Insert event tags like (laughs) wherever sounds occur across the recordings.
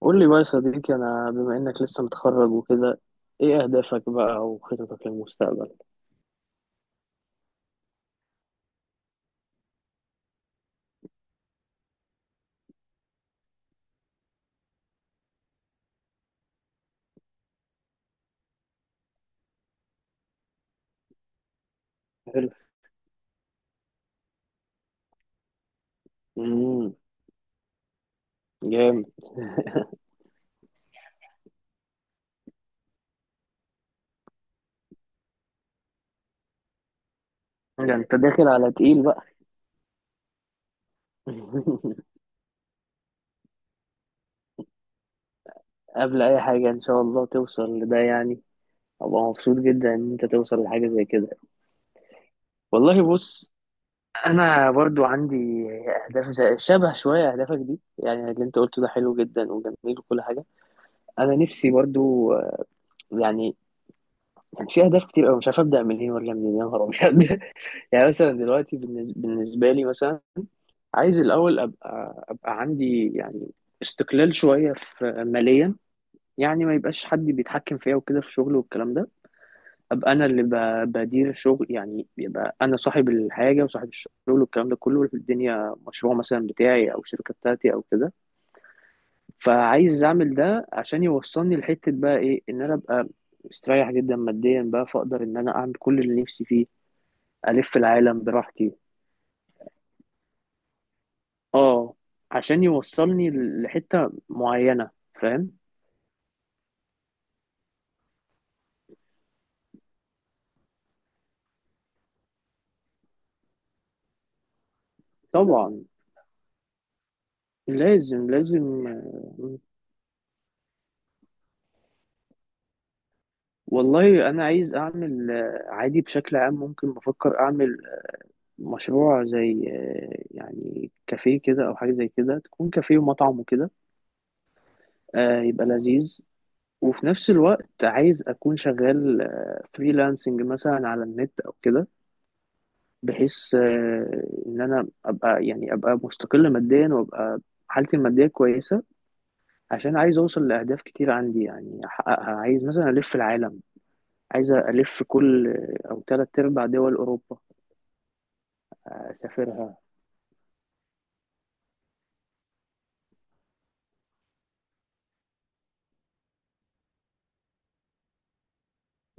قول لي بقى يا صديقي، أنا بما إنك لسه متخرج وكده، إيه أهدافك بقى وخططك للمستقبل؟ حلو. امم جامد. (laughs) ده أنت داخل على تقيل بقى. (laughs) قبل أي حاجة إن شاء الله توصل لده، يعني أبقى مبسوط جدا إن أنت توصل لحاجة زي كده. والله بص، أنا برضو عندي أهداف شبه شوية أهدافك دي، يعني اللي أنت قلته ده حلو جدا وجميل وكل حاجة. أنا نفسي برضو يعني كان في أهداف كتير أوي مش عارف أبدأ منين ولا منين، يا نهار أبيض. يعني مثلا دلوقتي بالنسبة لي مثلا عايز الأول أبقى عندي، يعني استقلال شوية في ماليا، يعني ما يبقاش حد بيتحكم فيا وكده في شغله والكلام ده. أبقى أنا اللي بدير الشغل، يعني يبقى أنا صاحب الحاجة وصاحب الشغل والكلام ده كله، الدنيا مشروع مثلا بتاعي أو شركة بتاعتي أو كده. فعايز أعمل ده عشان يوصلني لحتة بقى، إيه؟ إن أنا أبقى مستريح جدا ماديا بقى، فأقدر إن أنا أعمل كل اللي نفسي فيه، ألف العالم براحتي. اه، عشان يوصلني لحتة معينة، فاهم. طبعا. لازم لازم والله انا عايز اعمل عادي بشكل عام، ممكن بفكر اعمل مشروع زي يعني كافيه كده او حاجة زي كده، تكون كافيه ومطعم وكده. يبقى لذيذ. وفي نفس الوقت عايز اكون شغال فريلانسنج مثلا على النت او كده، بحيث ان انا ابقى، يعني ابقى مستقل ماديا وابقى حالتي المادية كويسة، عشان عايز اوصل لاهداف كتير عندي يعني احققها. عايز مثلا الف العالم، عايز الف كل او تلات ارباع دول اوروبا، اسافرها.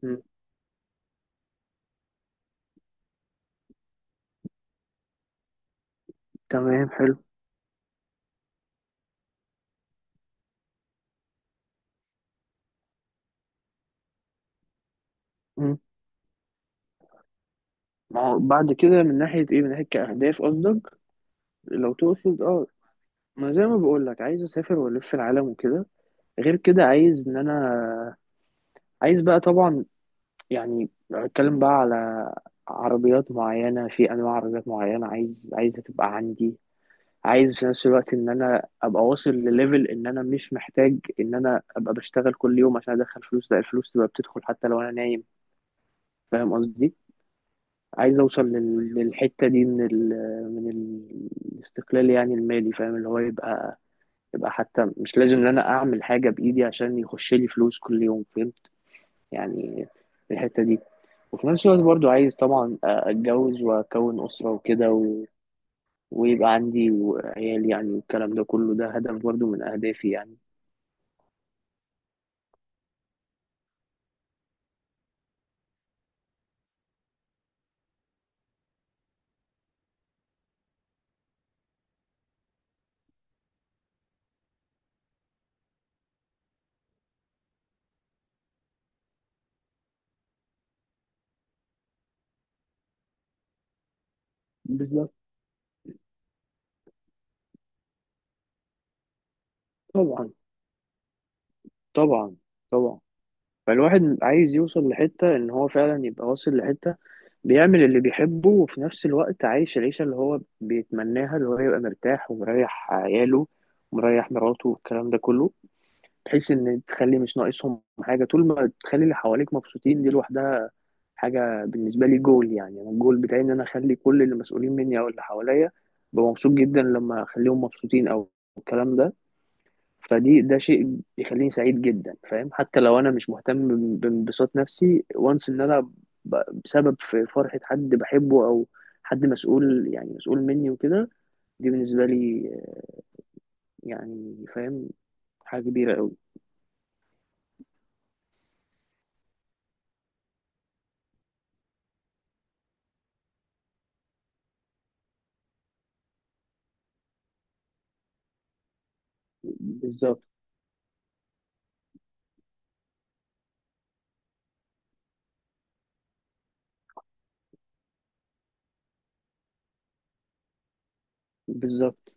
مم. تمام، حلو. مم. ما هو بعد كده من ناحيه ايه؟ من ناحيه كاهداف قصدك؟ لو تقصد ما زي ما بقول لك، عايز اسافر والف العالم وكده. غير كده عايز ان انا عايز بقى طبعا، يعني اتكلم بقى على عربيات معينه، في انواع عربيات معينه عايزها تبقى عندي. عايز في نفس الوقت ان انا ابقى واصل لليفل، ان انا مش محتاج ان انا ابقى بشتغل كل يوم عشان ادخل فلوس، لا الفلوس تبقى بتدخل حتى لو انا نايم، فاهم قصدي. عايز اوصل للحتة دي، من الاستقلال يعني المالي، فاهم، اللي هو يبقى حتى مش لازم ان انا اعمل حاجة بايدي عشان يخش لي فلوس كل يوم، فاهم. يعني الحتة دي، وفي نفس الوقت برضو عايز طبعا اتجوز واكون اسرة وكده، و... ويبقى عندي عيال يعني والكلام ده كله، ده هدف برضو من اهدافي يعني. بالظبط. طبعا، طبعا، طبعا. فالواحد عايز يوصل لحتة ان هو فعلا يبقى واصل لحتة، بيعمل اللي بيحبه وفي نفس الوقت عايش العيشة اللي هو بيتمناها، اللي هو يبقى مرتاح ومريح عياله ومريح مراته والكلام ده كله، بحيث ان تخلي مش ناقصهم حاجة. طول ما تخلي اللي حواليك مبسوطين، دي لوحدها حاجة بالنسبة لي. جول يعني، انا الجول بتاعي ان انا اخلي كل اللي مسؤولين مني او اللي حواليا، ببقى مبسوط جدا لما اخليهم مبسوطين او الكلام ده. فدي، ده شيء بيخليني سعيد جدا، فاهم، حتى لو انا مش مهتم بانبساط نفسي وانس، ان انا بسبب في فرحة حد بحبه او حد مسؤول، يعني مسؤول مني وكده. دي بالنسبة لي يعني فاهم، حاجة كبيرة قوي. بالظبط، بالظبط،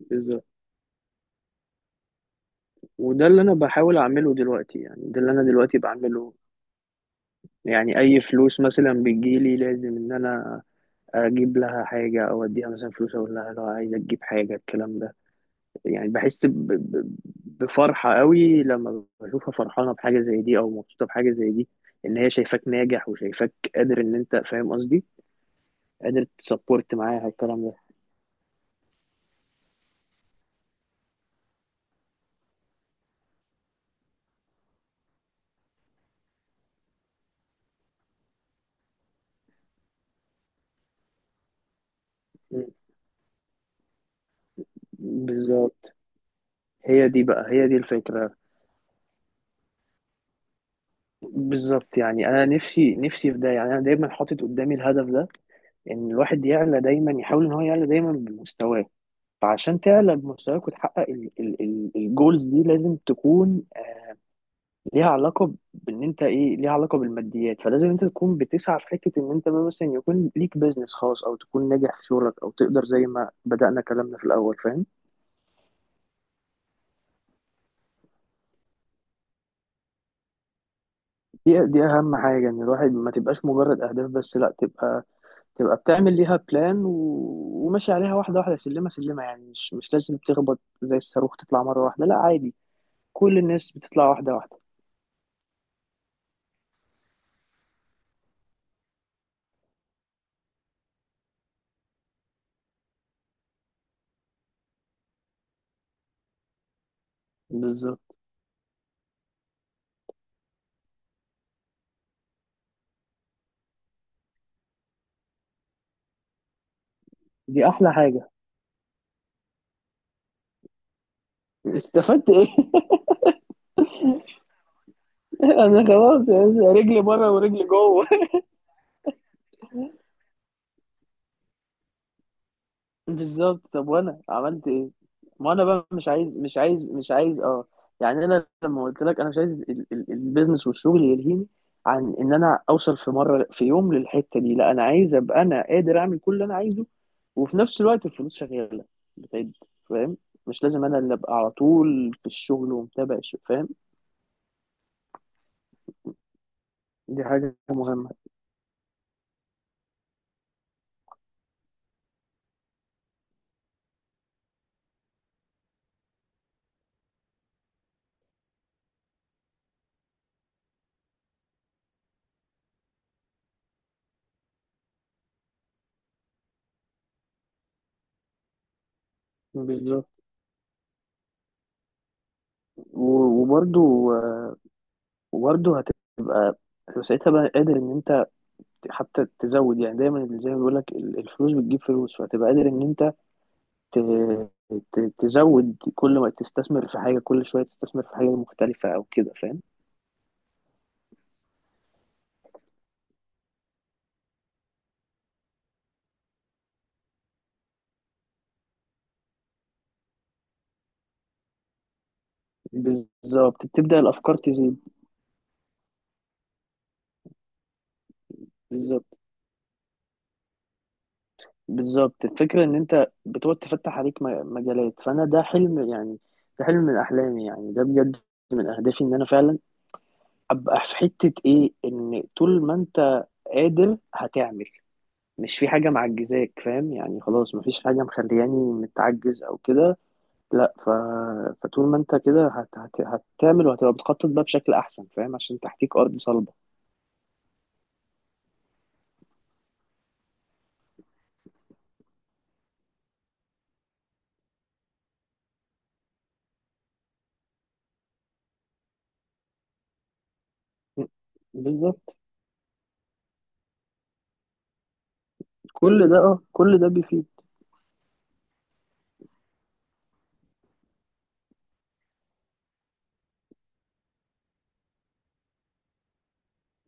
بالظبط. وده اللي انا بحاول اعمله دلوقتي، يعني ده اللي انا دلوقتي بعمله. يعني اي فلوس مثلا بتجيلي، لازم ان انا اجيب لها حاجة او اديها مثلا فلوس اقول لها لو عايزة تجيب حاجة الكلام ده. يعني بحس بفرحة قوي لما بشوفها فرحانة بحاجة زي دي أو مبسوطة بحاجة زي دي، إن هي شايفاك ناجح وشايفاك قادر، إن أنت فاهم قصدي، قادر تسبورت معاها الكلام ده. م. بالظبط. هي دي الفكرة. بالظبط، يعني أنا نفسي نفسي في ده، يعني أنا دايما حاطط قدامي الهدف ده، إن الواحد يعلى دايما، يحاول إن هو يعلى دايما بمستواه. فعشان تعلى بمستواك وتحقق الجولز دي، لازم تكون ليها علاقة بإن أنت إيه، ليها علاقة بالماديات، فلازم أنت تكون بتسعى في حتة، إن أنت مثلا يكون ليك بيزنس خاص، أو تكون ناجح في شغلك، أو تقدر زي ما بدأنا كلامنا في الأول، فاهم. دي أهم حاجة، إن الواحد ما تبقاش مجرد أهداف بس، لأ، تبقى بتعمل ليها بلان، و... وماشي عليها واحدة واحدة سلمة سلمة، يعني مش لازم تخبط زي الصاروخ تطلع مرة واحدة، لأ عادي، كل الناس بتطلع واحدة واحدة. بالظبط. دي أحلى حاجة. استفدت إيه؟ (laughs) أنا خلاص يا باشا، رجلي بره ورجلي جوه. بالظبط، طب وانا عملت ايه؟ ما انا بقى مش عايز. يعني انا لما قلت لك انا مش عايز البيزنس والشغل يلهيني عن ان انا اوصل في مره في يوم للحته دي، لا انا عايز ابقى انا قادر اعمل كل اللي انا عايزه، وفي نفس الوقت الفلوس شغاله بتعد، فاهم، مش لازم انا اللي ابقى على طول في الشغل ومتابع الشغل، فاهم. دي حاجه مهمه. بالظبط وبرضو وبرضو هتبقى ساعتها بقى قادر ان انت حتى تزود، يعني دايما زي ما بيقول لك الفلوس بتجيب فلوس، فهتبقى قادر ان انت ت- تزود، كل ما تستثمر في حاجه كل شويه تستثمر في حاجه مختلفه او كده، فاهم. بالظبط، بتبدا الافكار تزيد. بالظبط، بالظبط. الفكره ان انت بتقعد تفتح عليك مجالات، فانا ده حلم يعني، ده حلم من احلامي يعني، ده بجد من اهدافي، ان انا فعلا ابقى في حته، ايه؟ ان طول ما انت قادر هتعمل، مش في حاجة معجزاك، فاهم يعني، خلاص مفيش حاجة مخلياني متعجز أو كده، لا فطول ما أنت كده هتعمل وهتبقى بتخطط بقى بشكل أحسن، فاهم، عشان تحتيك أرض صلبة. م. بالظبط، كل ده بيفيد.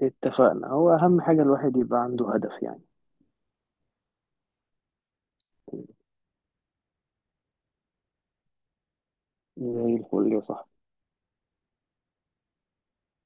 اتفقنا، هو أهم حاجة الواحد يبقى عنده هدف يعني. زي الفل يا صاحبي.